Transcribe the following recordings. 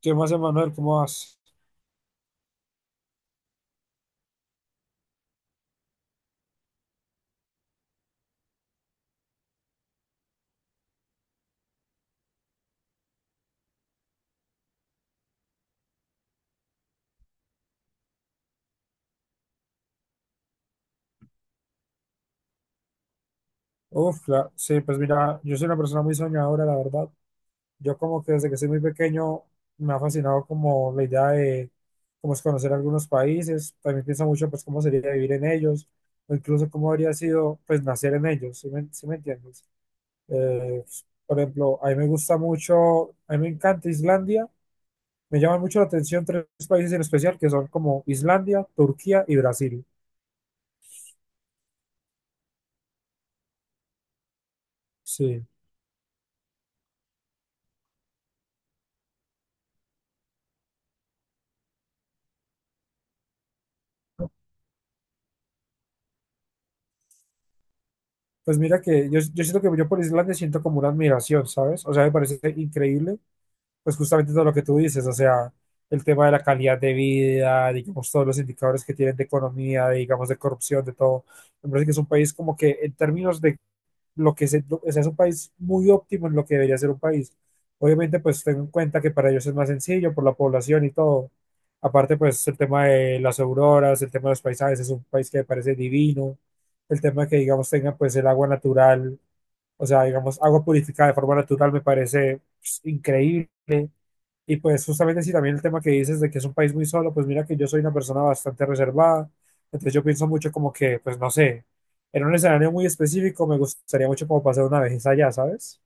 ¿Qué más, Emanuel? ¿Cómo vas? Uf, sí, pues mira, yo soy una persona muy soñadora, la verdad. Yo como que desde que soy muy pequeño me ha fascinado como la idea de cómo es conocer algunos países. También pienso mucho pues cómo sería vivir en ellos, o incluso cómo habría sido pues nacer en ellos, ¿sí me entiendes? Eh, por ejemplo, a mí me gusta mucho, a mí me encanta Islandia. Me llaman mucho la atención tres países en especial que son como Islandia, Turquía y Brasil. Sí. Pues mira que yo siento que yo por Islandia siento como una admiración, ¿sabes? O sea, me parece increíble, pues justamente todo lo que tú dices, o sea, el tema de la calidad de vida, digamos, todos los indicadores que tienen de economía, de, digamos, de corrupción, de todo. Me parece que es un país como que en términos de lo que es, o sea, es un país muy óptimo en lo que debería ser un país. Obviamente, pues tengo en cuenta que para ellos es más sencillo por la población y todo. Aparte, pues el tema de las auroras, el tema de los paisajes, es un país que me parece divino. El tema de que, digamos, tenga pues el agua natural, o sea, digamos, agua purificada de forma natural me parece pues, increíble. Y pues justamente si también el tema que dices de que es un país muy solo, pues mira que yo soy una persona bastante reservada, entonces yo pienso mucho como que, pues no sé, en un escenario muy específico me gustaría mucho como pasar una vez allá, ¿sabes?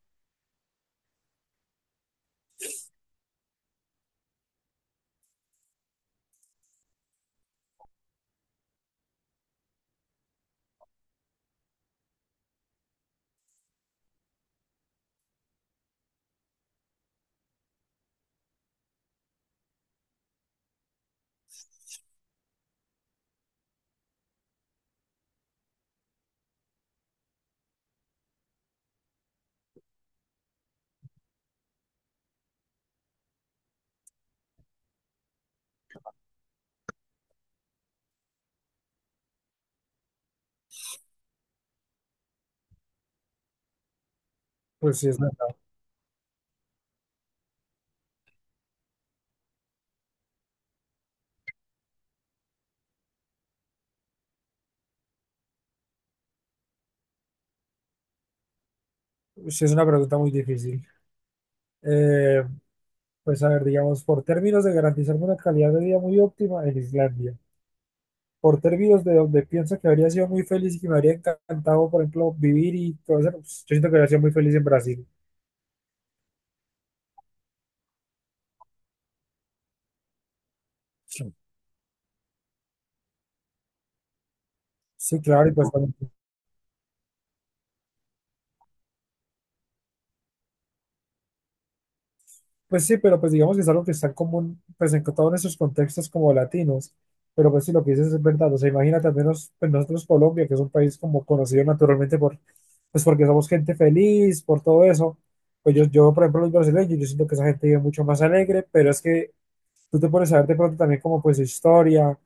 Pues sí es una, sí es una pregunta muy difícil. Eh, pues a ver, digamos, por términos de garantizarme una calidad de vida muy óptima en Islandia, por términos de donde pienso que habría sido muy feliz y que me habría encantado, por ejemplo, vivir y todo eso, pues, yo siento que habría sido muy feliz en Brasil. Sí, sí, claro, y pues también. Pues sí, pero pues digamos que es algo que está en común, pues en todos esos contextos como latinos, pero pues sí, lo que dices es verdad, o sea, imagínate al menos pues, nosotros Colombia, que es un país como conocido naturalmente por, pues porque somos gente feliz, por todo eso, pues yo por ejemplo los brasileños, yo siento que esa gente vive mucho más alegre, pero es que tú te pones a ver de pronto también como pues su historia,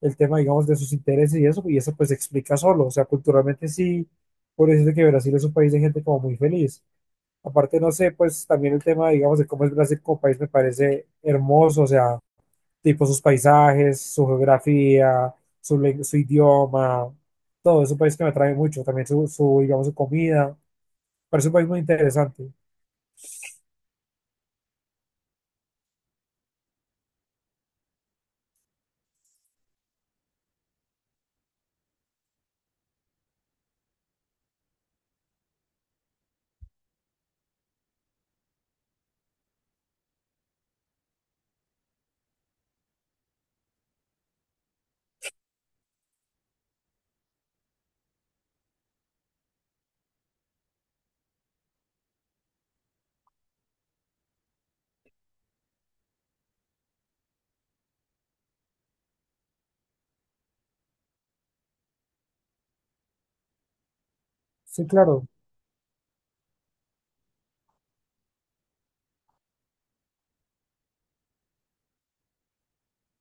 el tema digamos de sus intereses y eso pues se explica solo, o sea, culturalmente sí, por decirte que Brasil es un país de gente como muy feliz. Aparte, no sé, pues también el tema, digamos, de cómo es Brasil como país me parece hermoso, o sea, tipo sus paisajes, su geografía, su idioma, todo, es un país que me atrae mucho, también digamos, su comida, parece un país muy interesante. Sí, claro,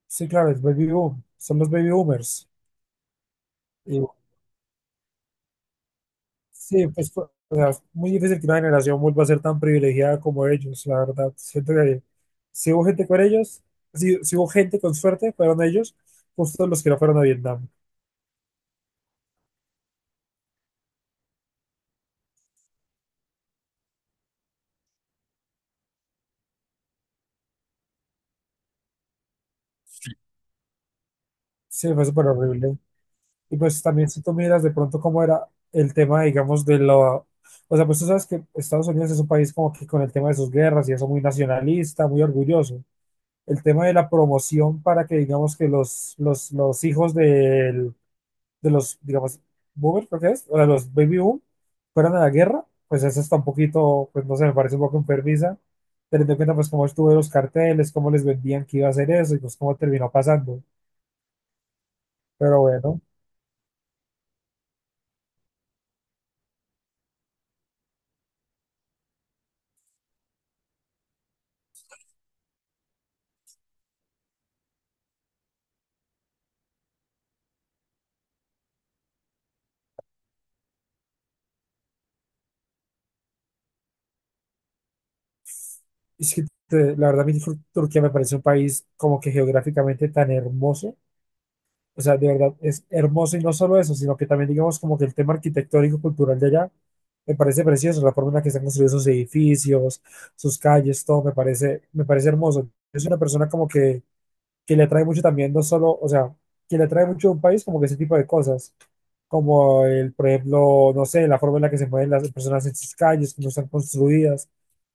sí, claro, es baby boom, son los baby boomers. Sí, pues o sea, es muy difícil que una generación vuelva a ser tan privilegiada como ellos, la verdad. Siento que si hubo gente con ellos, si hubo gente con suerte, fueron ellos, justo los que no fueron a Vietnam. Sí, fue súper horrible. Y pues también si tú miras de pronto cómo era el tema, digamos, de lo... O sea, pues tú sabes que Estados Unidos es un país como que con el tema de sus guerras y eso muy nacionalista, muy orgulloso. El tema de la promoción para que digamos que los hijos del de los, digamos, boomers, creo que es, o de los baby boom, fueran a la guerra, pues eso está un poquito, pues no sé, me parece un poco enfermiza, teniendo en cuenta pues cómo estuvo los carteles, cómo les vendían que iba a hacer eso y pues cómo terminó pasando. Pero bueno, es que la verdad a mí Turquía me parece un país como que geográficamente tan hermoso. O sea, de verdad es hermoso y no solo eso, sino que también digamos como que el tema arquitectónico cultural de allá me parece precioso, la forma en la que están construidos sus edificios, sus calles, todo me parece hermoso. Yo soy una persona que le atrae mucho también, no solo, o sea, que le atrae mucho a un país como que ese tipo de cosas, como el, por ejemplo, no sé, la forma en la que se mueven las personas en sus calles, cómo están construidas,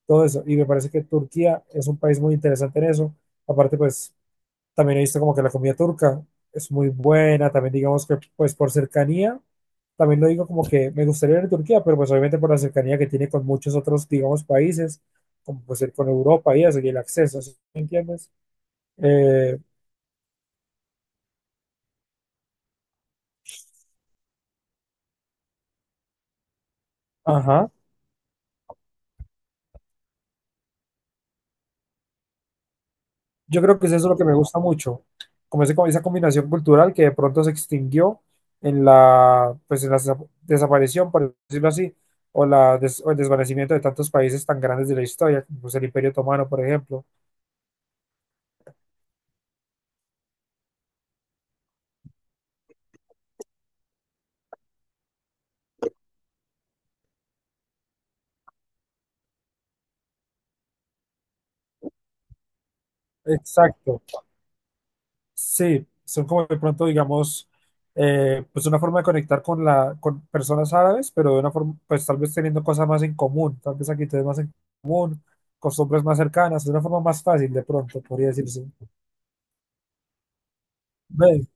todo eso. Y me parece que Turquía es un país muy interesante en eso. Aparte, pues también he visto como que la comida turca es muy buena, también digamos que pues por cercanía, también lo digo como que me gustaría ir a Turquía, pero pues obviamente por la cercanía que tiene con muchos otros, digamos, países, como pues ir con Europa y eso, y el acceso, ¿sí me entiendes? Eh, ajá, yo creo que es eso lo que me gusta mucho, como esa combinación cultural que de pronto se extinguió en la, pues en la desaparición, por decirlo así, o, el desvanecimiento de tantos países tan grandes de la historia, como pues el Imperio Otomano, por ejemplo. Exacto. Sí, son como de pronto, digamos, pues una forma de conectar con la, con personas árabes, pero de una forma, pues tal vez teniendo cosas más en común, tal vez actitudes más en común, costumbres más cercanas, de una forma más fácil de pronto, podría decirse. Ve,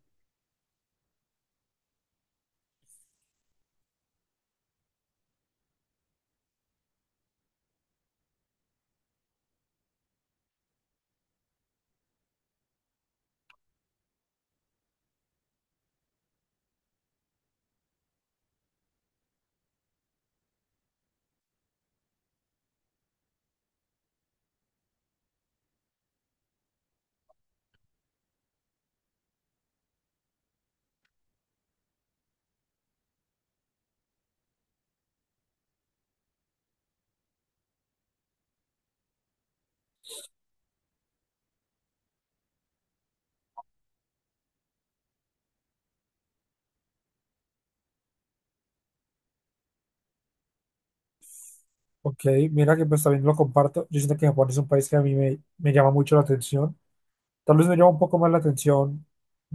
ok, mira que pues también lo comparto. Yo siento que Japón es un país que a me llama mucho la atención. Tal vez me llama un poco más la atención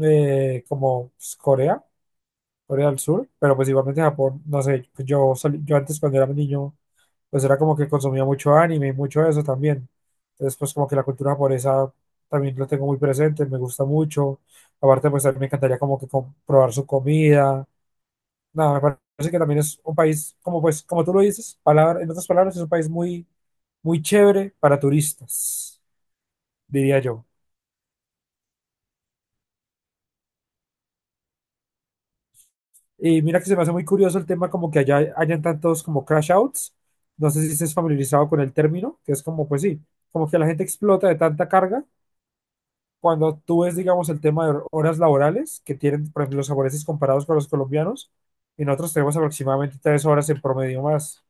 como pues, Corea. Corea del Sur, pero pues igualmente Japón, no sé, pues yo antes cuando era niño, pues era como que consumía mucho anime y mucho eso también. Entonces, pues como que la cultura japonesa también lo tengo muy presente, me gusta mucho. Aparte, pues a mí me encantaría como que probar su comida. Nada, me parece que también es un país, como pues, como tú lo dices, palabra, en otras palabras, es un país muy, muy chévere para turistas, diría yo. Y mira que se me hace muy curioso el tema como que allá hayan tantos como crash outs. No sé si estés familiarizado con el término, que es como, pues sí, como que la gente explota de tanta carga. Cuando tú ves, digamos, el tema de horas laborales que tienen, por ejemplo, los japoneses comparados con los colombianos, y nosotros tenemos aproximadamente 3 horas en promedio más.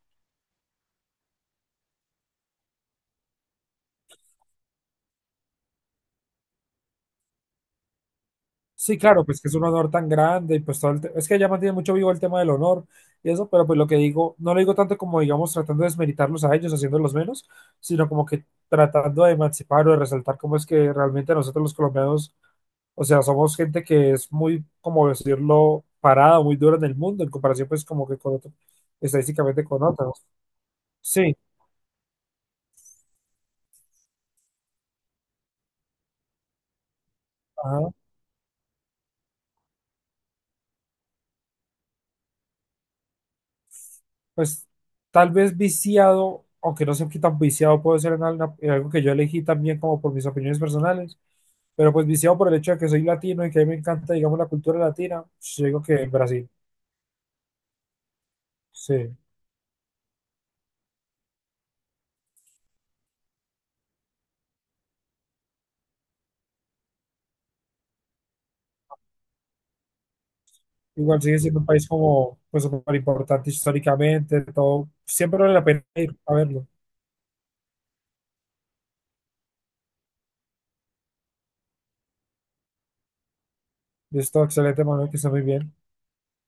Sí, claro, pues que es un honor tan grande y pues todo el es que ya mantiene mucho vivo el tema del honor y eso, pero pues lo que digo, no lo digo tanto como digamos tratando de desmeritarlos a ellos, haciéndolos menos, sino como que tratando de emancipar o de resaltar cómo es que realmente nosotros los colombianos, o sea, somos gente que es muy, como decirlo, parada, muy dura en el mundo, en comparación pues como que con otro, estadísticamente con otros. Sí, ajá. Pues tal vez viciado, aunque no sé qué tan viciado puedo ser en algo que yo elegí también como por mis opiniones personales, pero pues viciado por el hecho de que soy latino y que a mí me encanta, digamos, la cultura latina, pues, yo digo que Brasil, sí. Igual sigue siendo un país como, pues, súper importante históricamente, todo. Siempre vale la pena ir a verlo. Y es todo excelente, Manuel, que está muy bien.